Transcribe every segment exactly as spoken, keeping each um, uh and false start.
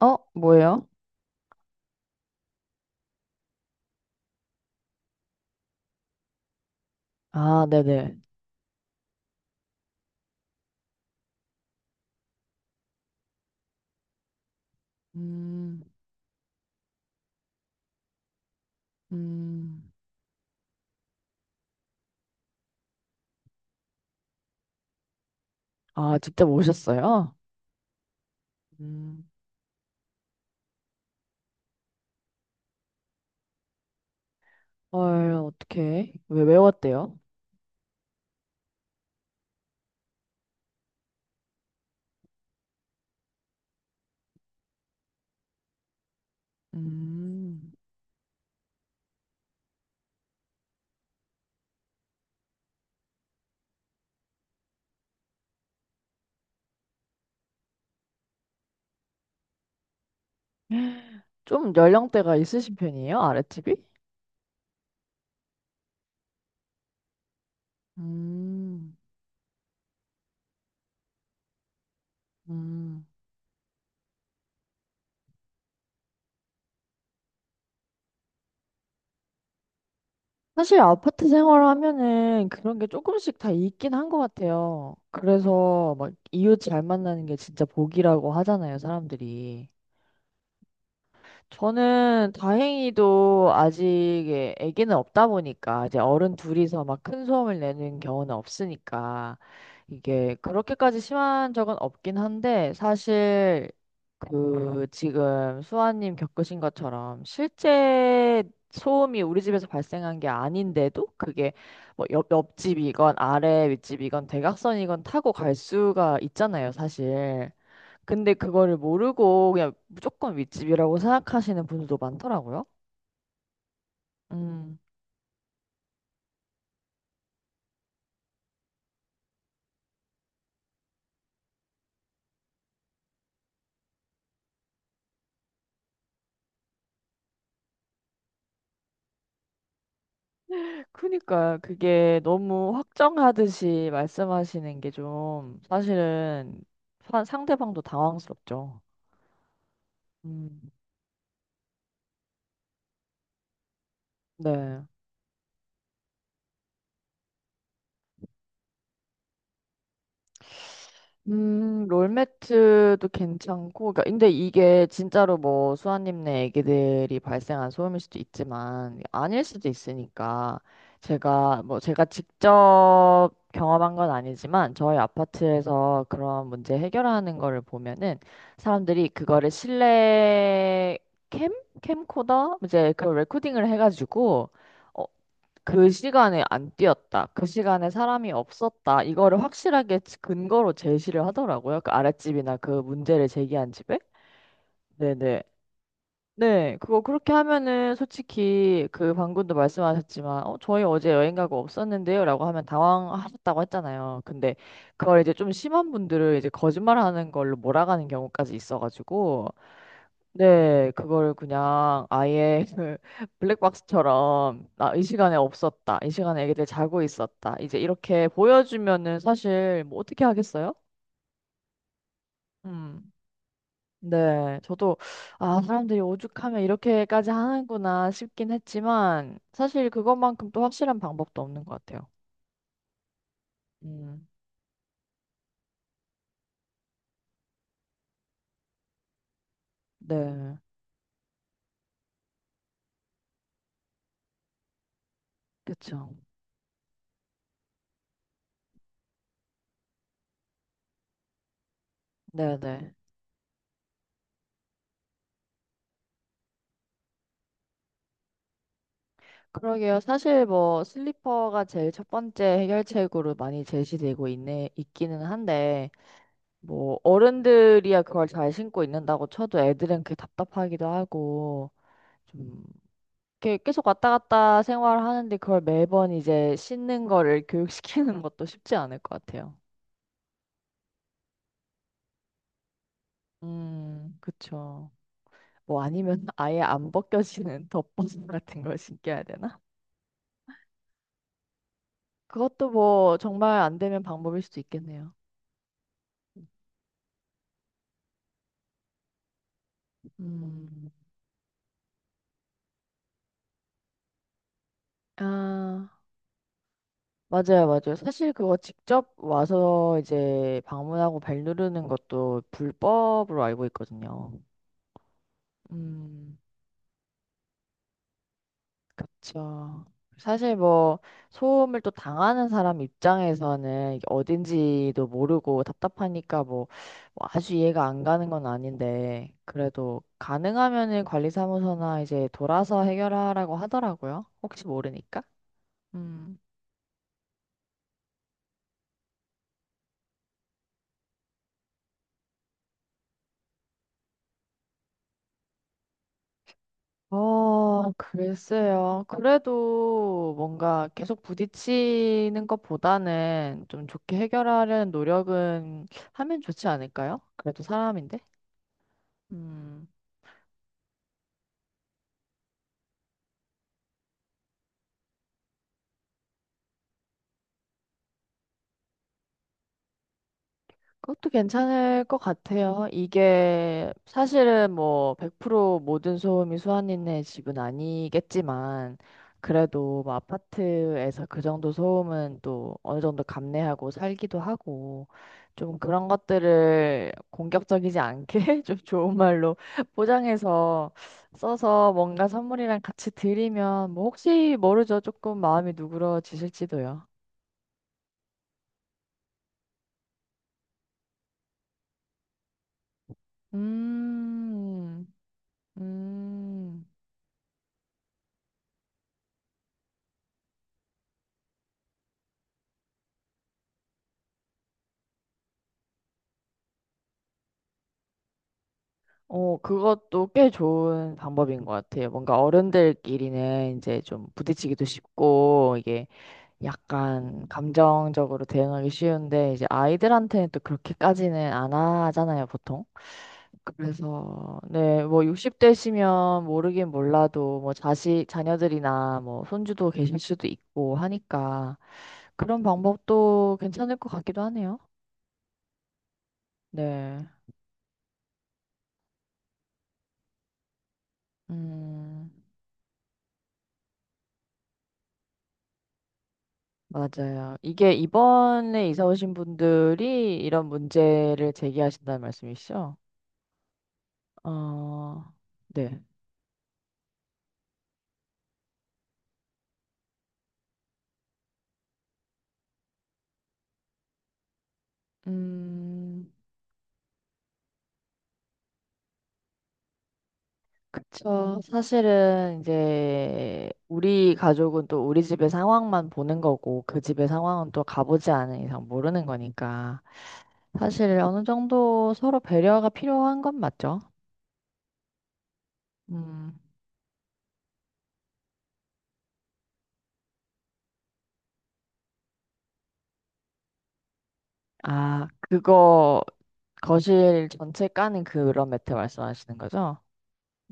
어? 뭐예요? 아, 네네. 음, 음. 아, 직접 오셨어요? 음. 헐, 어떡해. 왜 외웠대요? 음. 좀 연령대가 있으신 편이에요? 아랫집이? 음. 음. 사실 아파트 생활하면은 그런 게 조금씩 다 있긴 한 것 같아요. 그래서 막 이웃 잘 만나는 게 진짜 복이라고 하잖아요, 사람들이. 저는 다행히도 아직 예, 아기는 없다 보니까 이제 어른 둘이서 막 큰 소음을 내는 경우는 없으니까 이게 그렇게까지 심한 적은 없긴 한데 사실 그 지금 수아님 겪으신 것처럼 실제 소음이 우리 집에서 발생한 게 아닌데도 그게 뭐 옆, 옆집이건 아래 윗집이건 대각선이건 타고 갈 수가 있잖아요, 사실. 근데 그거를 모르고 그냥 무조건 윗집이라고 생각하시는 분들도 많더라고요. 음. 그니까 그게 너무 확정하듯이 말씀하시는 게 좀 사실은 사- 상대방도 당황스럽죠. 음. 네. 음, 롤매트도 괜찮고, 그러니까 근데 이게 진짜로 뭐 수아님네 애기들이 발생한 소음일 수도 있지만, 아닐 수도 있으니까, 제가, 뭐 제가 직접 경험한 건 아니지만, 저희 아파트에서 그런 문제 해결하는 거를 보면은, 사람들이 그거를 실내 캠? 캠코더? 이제 그 레코딩을 해가지고, 어, 그 시간에 안 뛰었다. 그 시간에 사람이 없었다. 이거를 확실하게 지- 근거로 제시를 하더라고요. 그 아랫집이나 그 문제를 제기한 집에. 네네. 네, 그거 그렇게 하면은 솔직히 그 방금도 말씀하셨지만, 어, 저희 어제 여행 가고 없었는데요? 라고 하면 당황하셨다고 했잖아요. 근데 그걸 이제 좀 심한 분들을 이제 거짓말하는 걸로 몰아가는 경우까지 있어가지고, 네, 그걸 그냥 아예 블랙박스처럼 나 이 시간에 없었다. 이 시간에 애기들 자고 있었다. 이제 이렇게 보여주면은 사실 뭐 어떻게 하겠어요? 음. 네, 저도 아, 사람들이 오죽하면 이렇게까지 하는구나 싶긴 했지만 사실 그것만큼 또 확실한 방법도 없는 것 같아요. 음. 네. 그쵸. 네, 네. 그러게요. 사실 뭐 슬리퍼가 제일 첫 번째 해결책으로 많이 제시되고 있네 있기는 한데 뭐 어른들이야 그걸 잘 신고 있는다고 쳐도 애들은 그게 답답하기도 하고 좀 이렇게 계속 왔다 갔다 생활하는데 그걸 매번 이제 신는 거를 교육시키는 것도 쉽지 않을 것 같아요. 음, 그쵸. 뭐 아니면 아예 안 벗겨지는 덮버섯 같은 걸 신겨야 되나? 그것도 뭐 정말 안 되면 방법일 수도 있겠네요. 음, 아. 맞아요, 맞아요. 사실 그거 직접 와서 이제 방문하고 벨 누르는 것도 불법으로 알고 있거든요. 음, 그쵸. 사실 뭐 소음을 또 당하는 사람 입장에서는 이게 어딘지도 모르고 답답하니까 뭐, 뭐 아주 이해가 안 가는 건 아닌데 그래도 가능하면은 관리사무소나 이제 돌아서 해결하라고 하더라고요. 혹시 모르니까. 음. 어, 글쎄요. 그래도 뭔가 계속 부딪히는 것보다는 좀 좋게 해결하려는 노력은 하면 좋지 않을까요? 그래도 사람인데. 음. 그것도 괜찮을 것 같아요. 이게 사실은 뭐 백 퍼센트 모든 소음이 수아님네 집은 아니겠지만 그래도 뭐 아파트에서 그 정도 소음은 또 어느 정도 감내하고 살기도 하고 좀 그런 것들을 공격적이지 않게 좀 좋은 말로 포장해서 써서 뭔가 선물이랑 같이 드리면 뭐 혹시 모르죠. 조금 마음이 누그러지실지도요. 음, 음. 어, 그것도 꽤 좋은 방법인 것 같아요. 뭔가 어른들끼리는 이제 좀 부딪히기도 쉽고, 이게 약간 감정적으로 대응하기 쉬운데, 이제 아이들한테는 또 그렇게까지는 안 하잖아요, 보통. 그래서, 네, 뭐 육십 대시면 모르긴 몰라도, 뭐 자식, 자녀들이나 뭐 손주도 계실 수도 있고 하니까, 그런 방법도 괜찮을 것 같기도 하네요. 네. 음. 맞아요. 이게 이번에 이사 오신 분들이 이런 문제를 제기하신다는 말씀이시죠? 어, 네. 음, 그쵸. 사실은 이제 우리 가족은 또 우리 집의 상황만 보는 거고 그 집의 상황은 또 가보지 않은 이상 모르는 거니까 사실 어느 정도 서로 배려가 필요한 건 맞죠? 음, 아, 그거 거실 전체 까는 그런 매트 말씀하시는 거죠?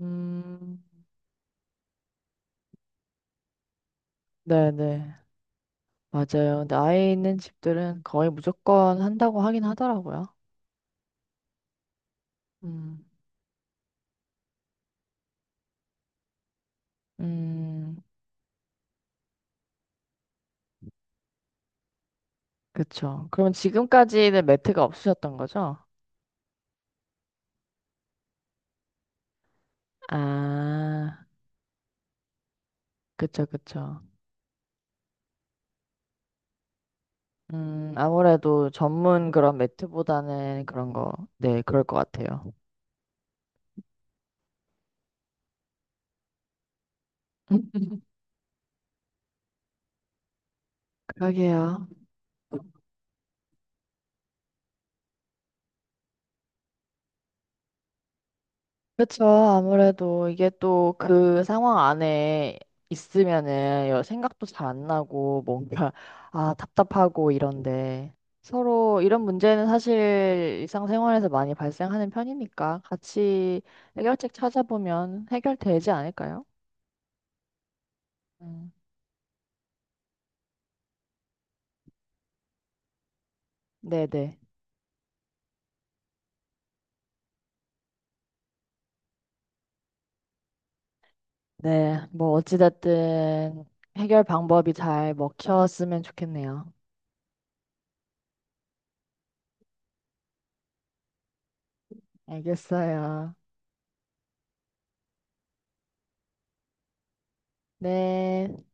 음. 네네. 맞아요. 근데 아이 있는 집들은 거의 무조건 한다고 하긴 하더라고요. 음. 음, 그쵸. 그럼 지금까지는 매트가 없으셨던 거죠? 아, 그쵸, 그쵸. 음, 아무래도 전문 그런 매트보다는 그런 거, 네, 그럴 것 같아요. 그러게요. 그쵸. 아무래도 이게 또 그 상황 안에 있으면은 여- 생각도 잘 안 나고 뭔가 아 답답하고 이런데 서로 이런 문제는 사실 일상생활에서 많이 발생하는 편이니까 같이 해결책 찾아보면 해결되지 않을까요? 음. 네네. 네. 뭐 어찌됐든 해결 방법이 잘 먹혔으면 좋겠네요. 알겠어요. 네.